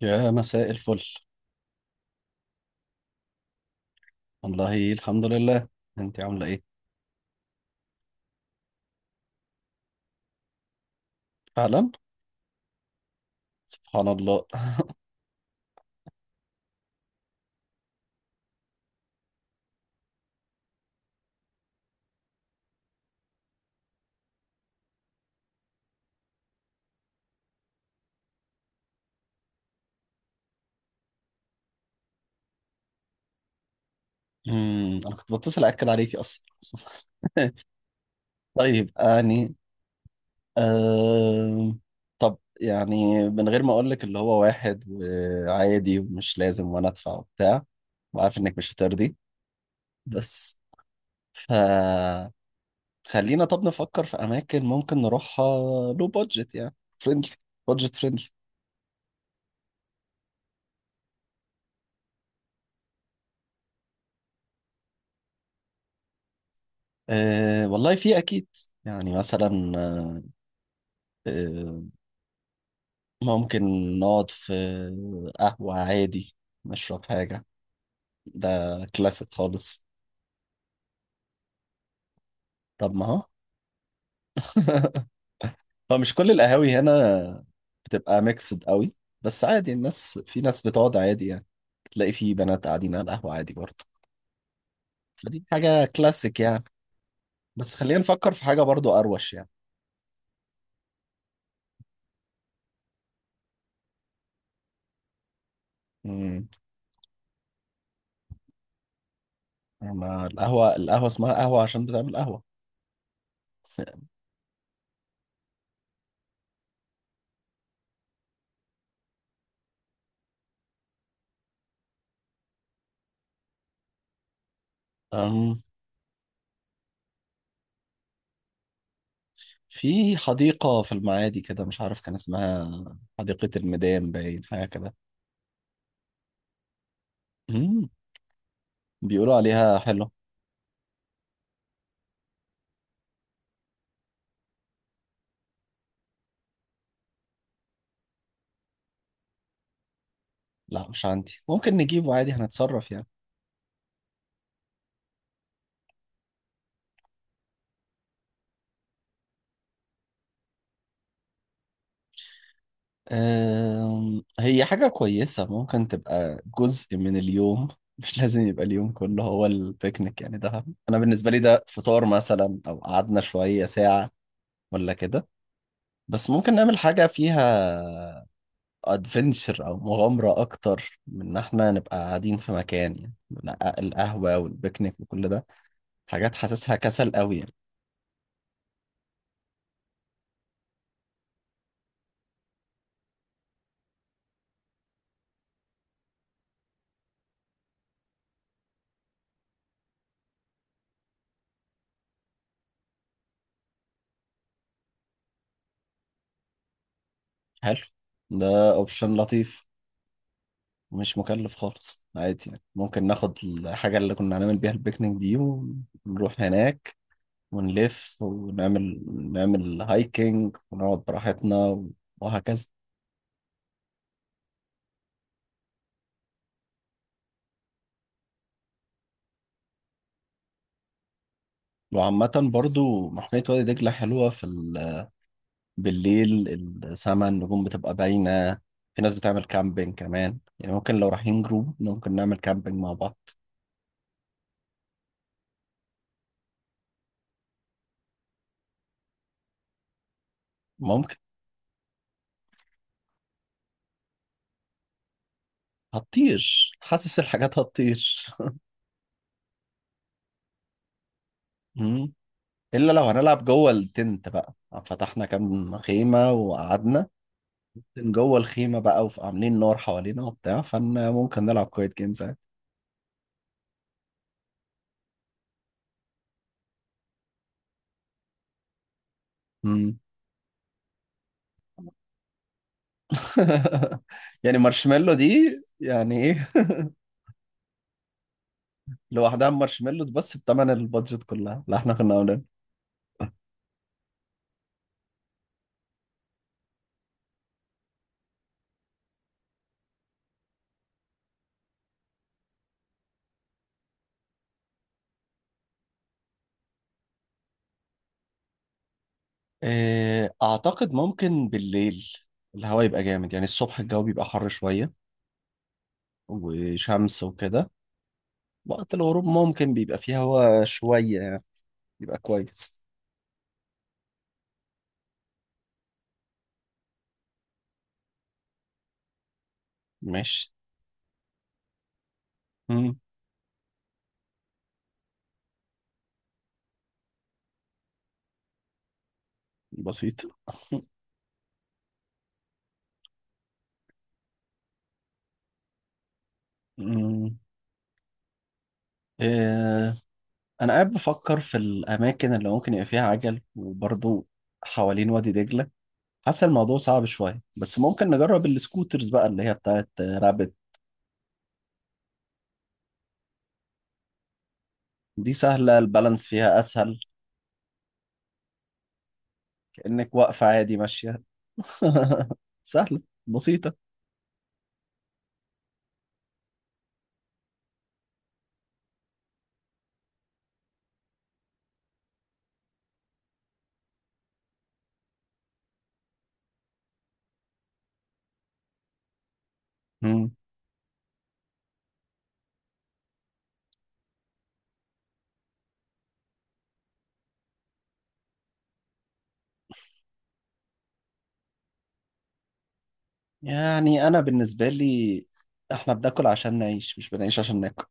يا مساء الفل. والله الحمد لله. انت عامله ايه؟ فعلا. سبحان الله. انا كنت بتصل اكد عليكي اصلا سبحان. طيب يعني. آه... طب يعني من غير ما اقول لك اللي هو واحد وعادي ومش لازم وانا ادفع وبتاع، وعارف انك مش هترضي. بس ف خلينا طب نفكر في اماكن ممكن نروحها لو بادجت يعني فريندلي. بادجت فريندلي. أه والله في اكيد. يعني مثلا، آه، ممكن نقعد في قهوة عادي نشرب حاجة. ده كلاسيك خالص. طب ما هو هو مش كل القهاوي هنا بتبقى ميكسد قوي، بس عادي الناس، في ناس بتقعد عادي يعني. تلاقي في بنات قاعدين على القهوة عادي برضه. فدي حاجة كلاسيك يعني. بس خلينا نفكر في حاجة برضه أروش يعني. امم أما القهوة اسمها قهوة عشان بتعمل قهوة أم في حديقة في المعادي كده مش عارف كان اسمها، حديقة الميدان باين، حاجة كده بيقولوا عليها حلو. لا مش عندي، ممكن نجيبه عادي، هنتصرف يعني. هي حاجة كويسة ممكن تبقى جزء من اليوم مش لازم يبقى اليوم كله هو البيكنيك يعني، ده أنا بالنسبة لي ده فطار مثلا أو قعدنا شوية ساعة ولا كده. بس ممكن نعمل حاجة فيها ادفنتشر أو مغامرة أكتر من إن إحنا نبقى قاعدين في مكان يعني. لا، القهوة والبيكنيك وكل ده حاجات حاسسها كسل قوي يعني. حلو، ده أوبشن لطيف. مش مكلف خالص عادي يعني، ممكن ناخد الحاجة اللي كنا هنعمل بيها البيكنيك دي ونروح هناك ونلف ونعمل هايكنج ونقعد براحتنا، وهكذا. وعامة برضو محمية وادي دجلة حلوة بالليل، السما النجوم بتبقى باينة. في ناس بتعمل كامبينج كمان، يعني ممكن لو رايحين جروب ممكن نعمل كامبينج مع بعض. ممكن. حاسس الحاجات هتطير مم. الا لو هنلعب جوه التنت بقى، فتحنا كام خيمه وقعدنا جوه الخيمه بقى وعاملين نار حوالينا وبتاع، فانا ممكن نلعب كويت جيمز عادي. مم. يعني مارشميلو دي يعني ايه؟ لوحدها مارشميلوز بس بتمن البادجت كلها اللي احنا كنا عاملينها. إيه، اعتقد ممكن بالليل الهواء يبقى جامد، يعني الصبح الجو بيبقى حر شويه وشمس وكده. وقت الغروب ممكن بيبقى فيه هواء شويه، يعني بيبقى كويس. ماشي. بسيط. أمم. آه، أنا قاعد بفكر في الأماكن اللي ممكن يبقى فيها عجل، وبرضو حوالين وادي دجلة حاسس الموضوع صعب شوية. بس ممكن نجرب السكوترز بقى اللي هي بتاعت رابت. دي سهلة، البالانس فيها أسهل، كأنك واقفة عادي ماشية سهلة، بسيطة. أمم. يعني أنا بالنسبة لي إحنا بناكل عشان نعيش، مش بنعيش عشان ناكل.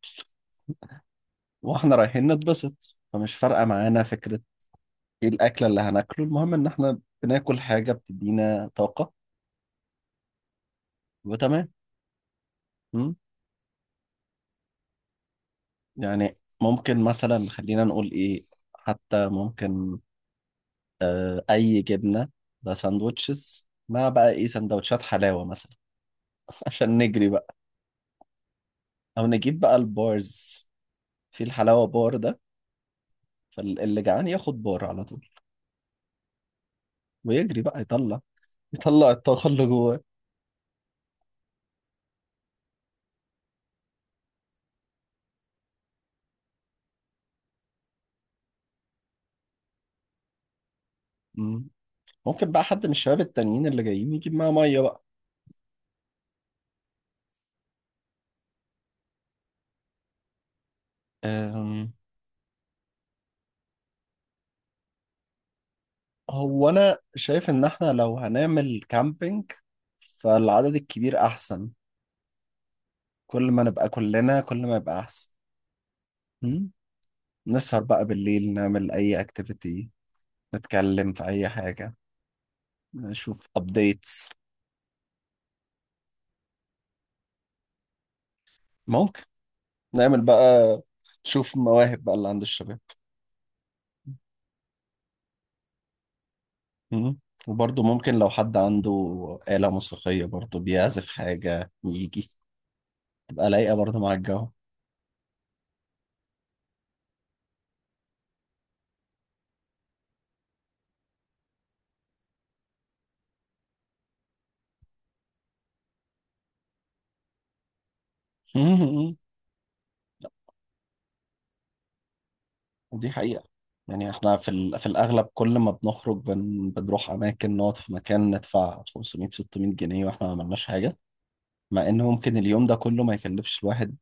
وإحنا رايحين نتبسط فمش فارقة معانا فكرة ايه الاكله اللي هناكله، المهم ان احنا بناكل حاجه بتدينا طاقه وتمام. مم. يعني ممكن مثلا خلينا نقول ايه، حتى ممكن اي جبنه، ده ساندوتشز مع بقى ايه سندوتشات حلاوه مثلا عشان نجري بقى، او نجيب بقى البارز، في الحلاوه بار ده. فاللي جعان ياخد بار على طول ويجري بقى يطلع الطاقه اللي جواه. مم. ممكن بقى حد من الشباب التانيين اللي جايين يجيب معاه ميه بقى. أم، هو انا شايف ان احنا لو هنعمل كامبينج فالعدد الكبير احسن، كل ما نبقى كلنا كل ما يبقى احسن. هم؟ نسهر بقى بالليل نعمل اي اكتيفيتي، نتكلم في اي حاجة، نشوف ابديتس. ممكن نعمل بقى، نشوف مواهب بقى اللي عند الشباب. هم؟ وبرضه ممكن لو حد عنده آلة موسيقية برضه بيعزف حاجة يجي، تبقى لايقة برضه مع الجو دي حقيقة. يعني احنا في الأغلب كل ما بنخرج بنروح أماكن نقعد في مكان ندفع 500 600 جنيه واحنا ما عملناش حاجة، مع إن ممكن اليوم ده كله ما يكلفش الواحد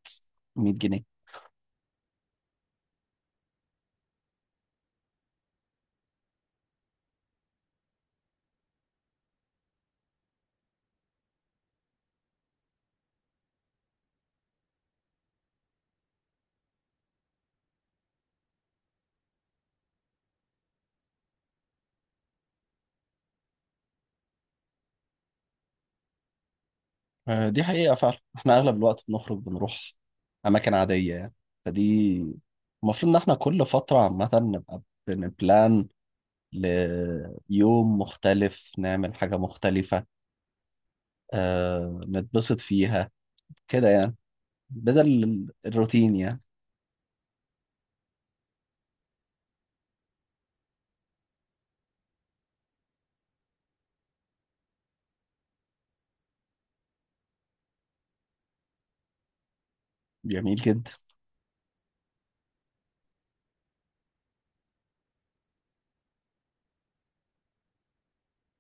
100 جنيه. دي حقيقة فعلا، احنا أغلب الوقت بنخرج بنروح أماكن عادية يعني. فدي المفروض إن احنا كل فترة عامة نبقى بنبلان ليوم مختلف، نعمل حاجة مختلفة نتبسط فيها كده يعني، بدل الروتين يعني. جميل جدا.